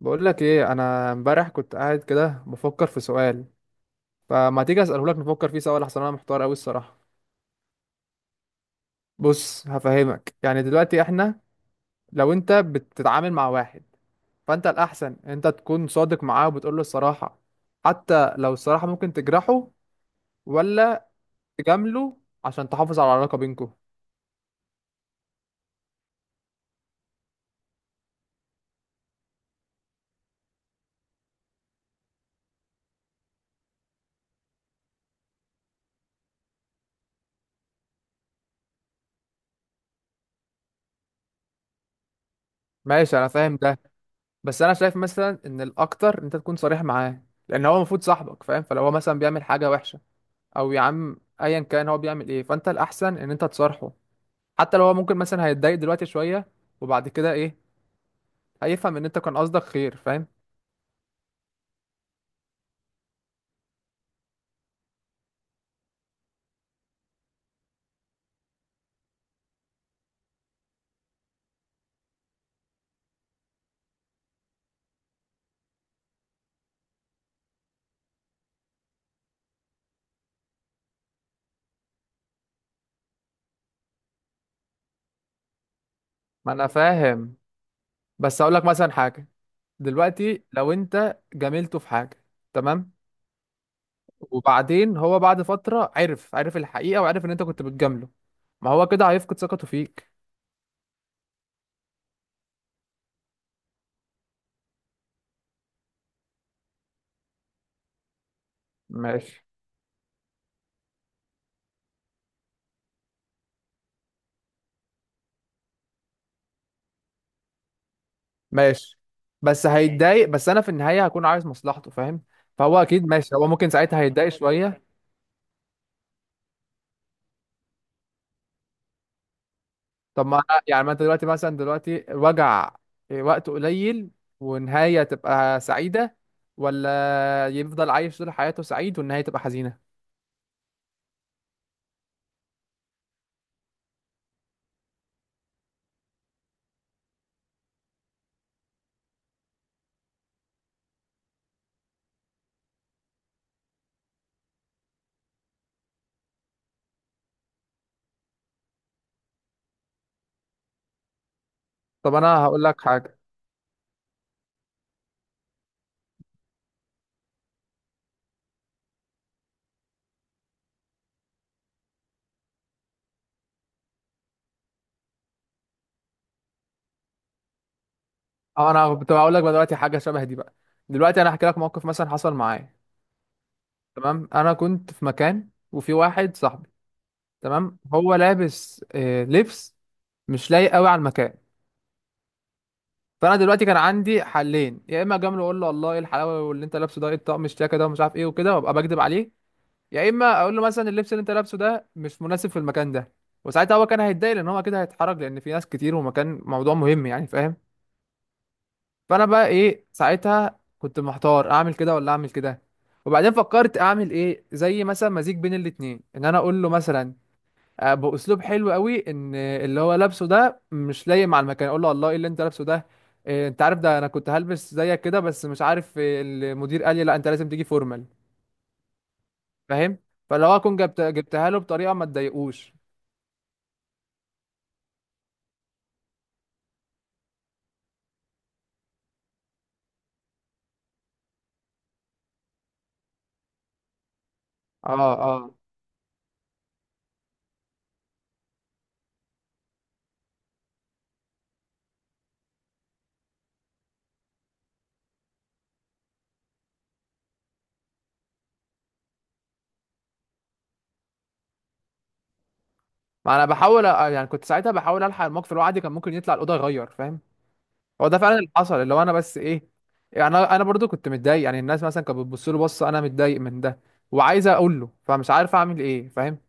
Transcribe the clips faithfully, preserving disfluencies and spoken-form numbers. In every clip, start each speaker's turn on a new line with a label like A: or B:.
A: بقول لك ايه، انا امبارح كنت قاعد كده بفكر في سؤال. فما تيجي اساله لك نفكر فيه سوا، لحسن انا محتار قوي الصراحه. بص هفهمك. يعني دلوقتي احنا لو انت بتتعامل مع واحد، فانت الاحسن انت تكون صادق معاه وبتقول له الصراحه حتى لو الصراحه ممكن تجرحه، ولا تجامله عشان تحافظ على العلاقه بينكم؟ ماشي، انا فاهم ده. بس انا شايف مثلا ان الاكتر انت تكون صريح معاه، لان هو المفروض صاحبك فاهم. فلو هو مثلا بيعمل حاجه وحشه، او يا عم ايا كان هو بيعمل ايه، فانت الاحسن ان انت تصارحه حتى لو هو ممكن مثلا هيتضايق دلوقتي شويه. وبعد كده ايه؟ هيفهم ان انت كان قصدك خير، فاهم؟ ما انا فاهم. بس اقول لك مثلا حاجه. دلوقتي لو انت جاملته في حاجه، تمام، وبعدين هو بعد فتره عرف عرف الحقيقه وعرف ان انت كنت بتجامله، ما هو كده هيفقد ثقته فيك. ماشي، ماشي. بس هيتضايق بس انا في النهايه هكون عايز مصلحته، فاهم؟ فهو اكيد ماشي. هو ممكن ساعتها هيتضايق شويه. طب ما يعني ما انت دلوقتي مثلا، دلوقتي الوجع وقت قليل، ونهاية تبقى سعيدة، ولا يفضل عايش طول حياته سعيد والنهاية تبقى حزينة؟ طب انا هقول لك حاجة. اه، انا كنت هقول لك بقى دلوقتي حاجة شبه دي بقى. دلوقتي انا هحكي لك موقف مثلا حصل معايا. تمام. انا كنت في مكان وفي واحد صاحبي، تمام. هو لابس آه، لبس مش لايق قوي على المكان. فانا دلوقتي كان عندي حلين: يا اما اجامله اقول له والله ايه الحلاوه، واللي انت لابسه ده ايه الطقم الشياكه ده، ومش عارف ايه وكده، وابقى بكدب عليه. يا اما اقول له مثلا اللبس اللي انت لابسه ده مش مناسب في المكان ده، وساعتها هو كان هيتضايق لان هو كده هيتحرج، لان في ناس كتير ومكان موضوع مهم يعني، فاهم؟ فانا بقى ايه، ساعتها كنت محتار اعمل كده ولا اعمل كده. وبعدين فكرت اعمل ايه، زي مثلا مزيج بين الاتنين، ان انا اقول له مثلا آه، باسلوب حلو قوي ان اللي هو لابسه ده مش لايق مع المكان. اقول له والله ايه اللي انت لابسه ده، إيه، انت عارف ده، انا كنت هلبس زيك كده، بس مش عارف إيه، المدير قال لي لا انت لازم تيجي فورمال، فاهم؟ فلو اكون جبت جبتها له بطريقه ما تضايقوش. اه، اه. ما انا بحاول أ- آه، يعني كنت ساعتها بحاول الحق الموقف اللي هو عادي، كان ممكن يطلع الاوضه يغير، فاهم؟ هو ده فعلا اللي حصل، اللي هو انا بس ايه، يعني انا أنا برضو كنت متضايق، يعني الناس مثلا كانت بتبص له بصه، انا متضايق من ده وعايز اقول له فمش عارف اعمل ايه، فاهم؟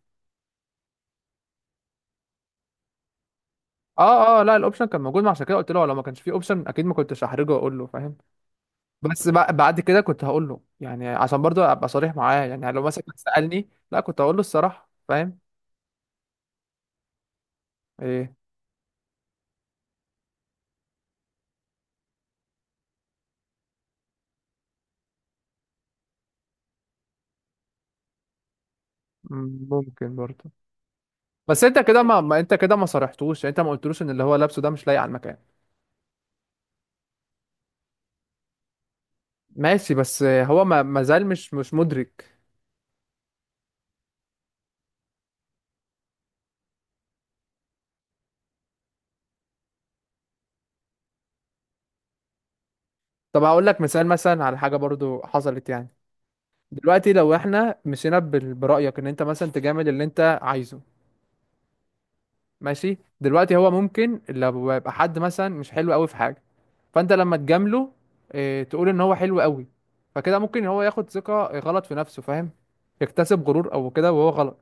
A: اه اه، لا، الاوبشن كان موجود، ما عشان كده قلت له. لو ما كانش فيه اوبشن اكيد ما كنتش هحرجه واقول له، فاهم؟ بس بع- بعد كده كنت هقول له، يعني عشان برضو ابقى صريح معاه، يعني لو مثلا كان سالني لا كنت هقول له الصراحه، فاهم؟ ايه. مم، ممكن برضو. بس انت كده ما, ما انت كده ما صرحتوش، يعني انت ما قلتلوش ان اللي هو لابسه ده مش لايق على المكان. ماشي. بس هو ما ما زال مش مش مدرك. طب هقول لك مثال مثلا على حاجه برضو حصلت يعني. دلوقتي لو احنا مشينا بال- برايك ان انت مثلا تجامل اللي انت عايزه، ماشي. دلوقتي هو ممكن لو يبقى حد مثلا مش حلو قوي في حاجه، فانت لما تجامله اه تقول ان هو حلو قوي، فكده ممكن هو ياخد ثقه غلط في نفسه، فاهم؟ يكتسب غرور او كده، وهو غلط.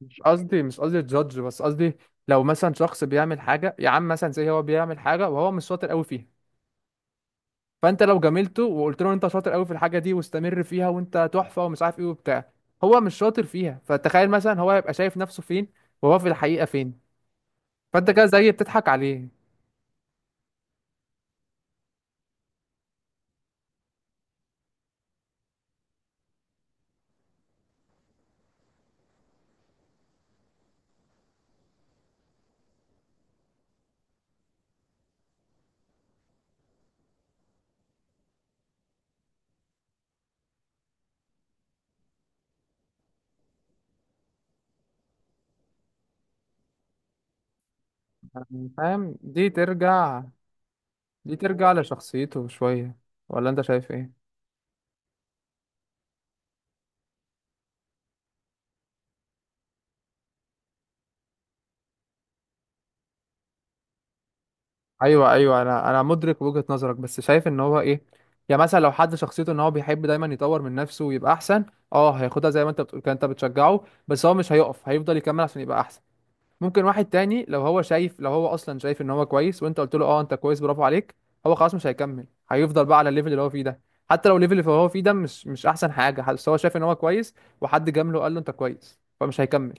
A: مش قصدي مش قصدي جادج، بس قصدي لو مثلا شخص بيعمل حاجه يا عم، مثلا زي هو بيعمل حاجه وهو مش شاطر قوي فيها، فانت لو جاملته وقلت له انت شاطر قوي في الحاجه دي واستمر فيها وانت تحفه ومش عارف ايه وبتاع، هو مش شاطر فيها. فتخيل مثلا هو هيبقى شايف نفسه فين وهو في الحقيقه فين. فانت كده زي بتضحك عليه. يعني، فاهم؟ دي ترجع دي ترجع لشخصيته شويه، ولا انت شايف ايه؟ ايوه ايوه، انا انا مدرك وجهة نظرك، بس شايف ان هو ايه، يعني مثلا لو حد شخصيته ان هو بيحب دايما يطور من نفسه ويبقى احسن، اه هياخدها زي ما انت بتقول كده. انت بتشجعه بس هو مش هيقف، هيفضل يكمل عشان يبقى احسن. ممكن واحد تاني، لو هو شايف، لو هو اصلا شايف ان هو كويس وانت قلت له اه انت كويس برافو عليك، هو خلاص مش هيكمل، هيفضل بقى على الليفل اللي هو فيه ده، حتى لو الليفل اللي هو فيه ده مش مش احسن حاجة، بس هو شايف ان هو كويس، وحد جامله وقال له انت كويس، فمش هيكمل.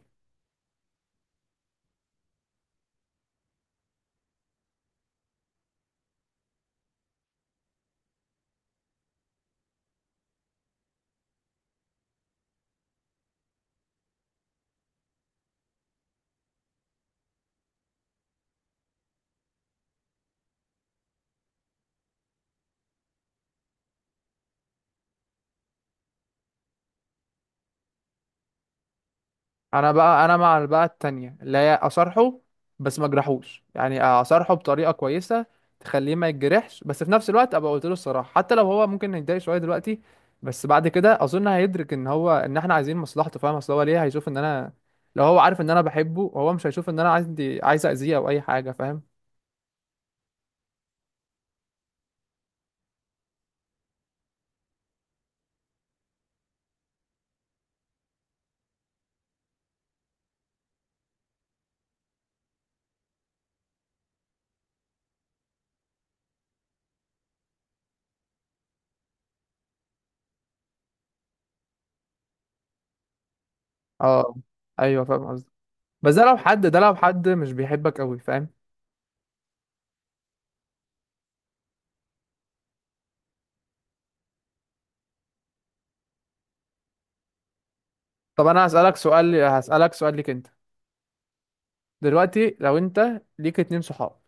A: انا بقى انا مع بقى التانية اللي هي اصارحه بس ما اجرحوش، يعني اصارحه بطريقه كويسه تخليه ما يتجرحش، بس في نفس الوقت ابقى قلت له الصراحه حتى لو هو ممكن يتضايق شويه دلوقتي، بس بعد كده اظن هيدرك ان هو ان احنا عايزين مصلحته، فاهم؟ اصل هو ليه هيشوف ان انا، لو هو عارف ان انا بحبه هو مش هيشوف ان انا عندي عايز اذيه او اي حاجه، فاهم؟ اه، ايوه فاهم قصدي. بس ده لو حد ده لو حد مش بيحبك قوي، فاهم؟ طب انا هسالك سؤال هسالك سؤال ليك انت. دلوقتي لو انت ليك اتنين صحاب،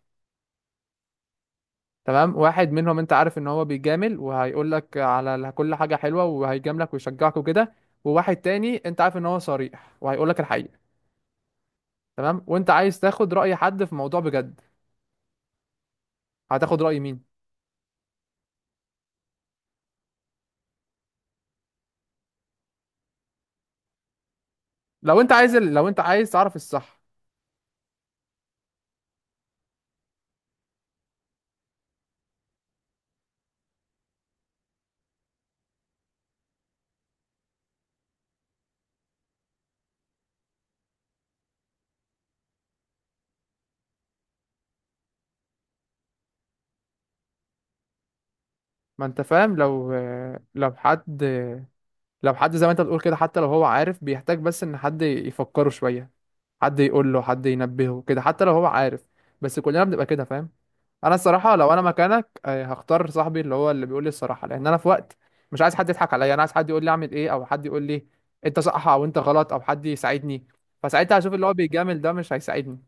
A: تمام. واحد منهم انت عارف ان هو بيجامل وهيقول لك على ال- كل حاجه حلوه وهيجاملك ويشجعك وكده، وواحد تاني انت عارف ان هو صريح وهيقول لك الحقيقه، تمام، وانت عايز تاخد راي حد في موضوع بجد، هتاخد راي مين؟ لو انت عايز ال- لو انت عايز تعرف الصح. ما انت فاهم، لو لو حد لو حد زي ما انت بتقول كده، حتى لو هو عارف بيحتاج بس ان حد يفكره شويه، حد يقول له، حد ينبهه كده، حتى لو هو عارف، بس كلنا بنبقى كده، فاهم؟ انا الصراحه لو انا مكانك آه، هختار صاحبي اللي هو اللي بيقول لي الصراحه، لان انا في وقت مش عايز حد يضحك عليا، انا عايز حد يقول لي اعمل ايه، او حد يقول لي انت صح او انت غلط، او حد يساعدني. فساعتها هشوف اللي هو بيجامل ده مش هيساعدني.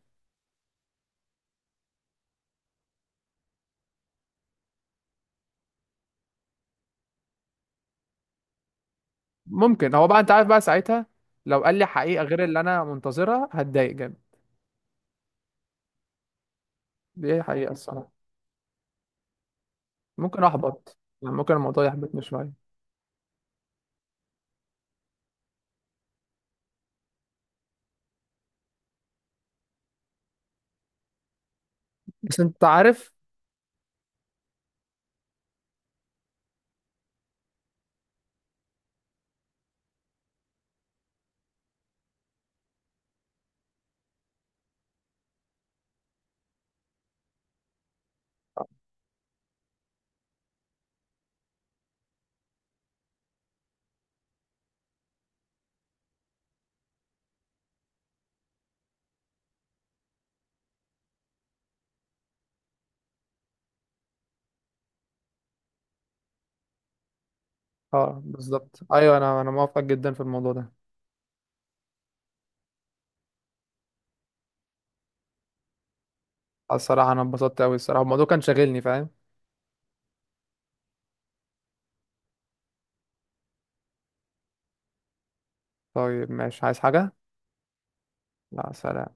A: ممكن هو بقى، انت عارف بقى، ساعتها لو قال لي حقيقه غير اللي انا منتظرها هتضايق جامد. دي حقيقه الصراحه. ممكن احبط، يعني ممكن الموضوع يحبطني شويه. بس انت عارف. اه، بالظبط. ايوه، انا انا موافق جدا في الموضوع ده. الصراحة أنا اتبسطت أوي. الصراحة الموضوع كان شاغلني، فاهم؟ طيب ماشي، عايز حاجة؟ لا، سلام.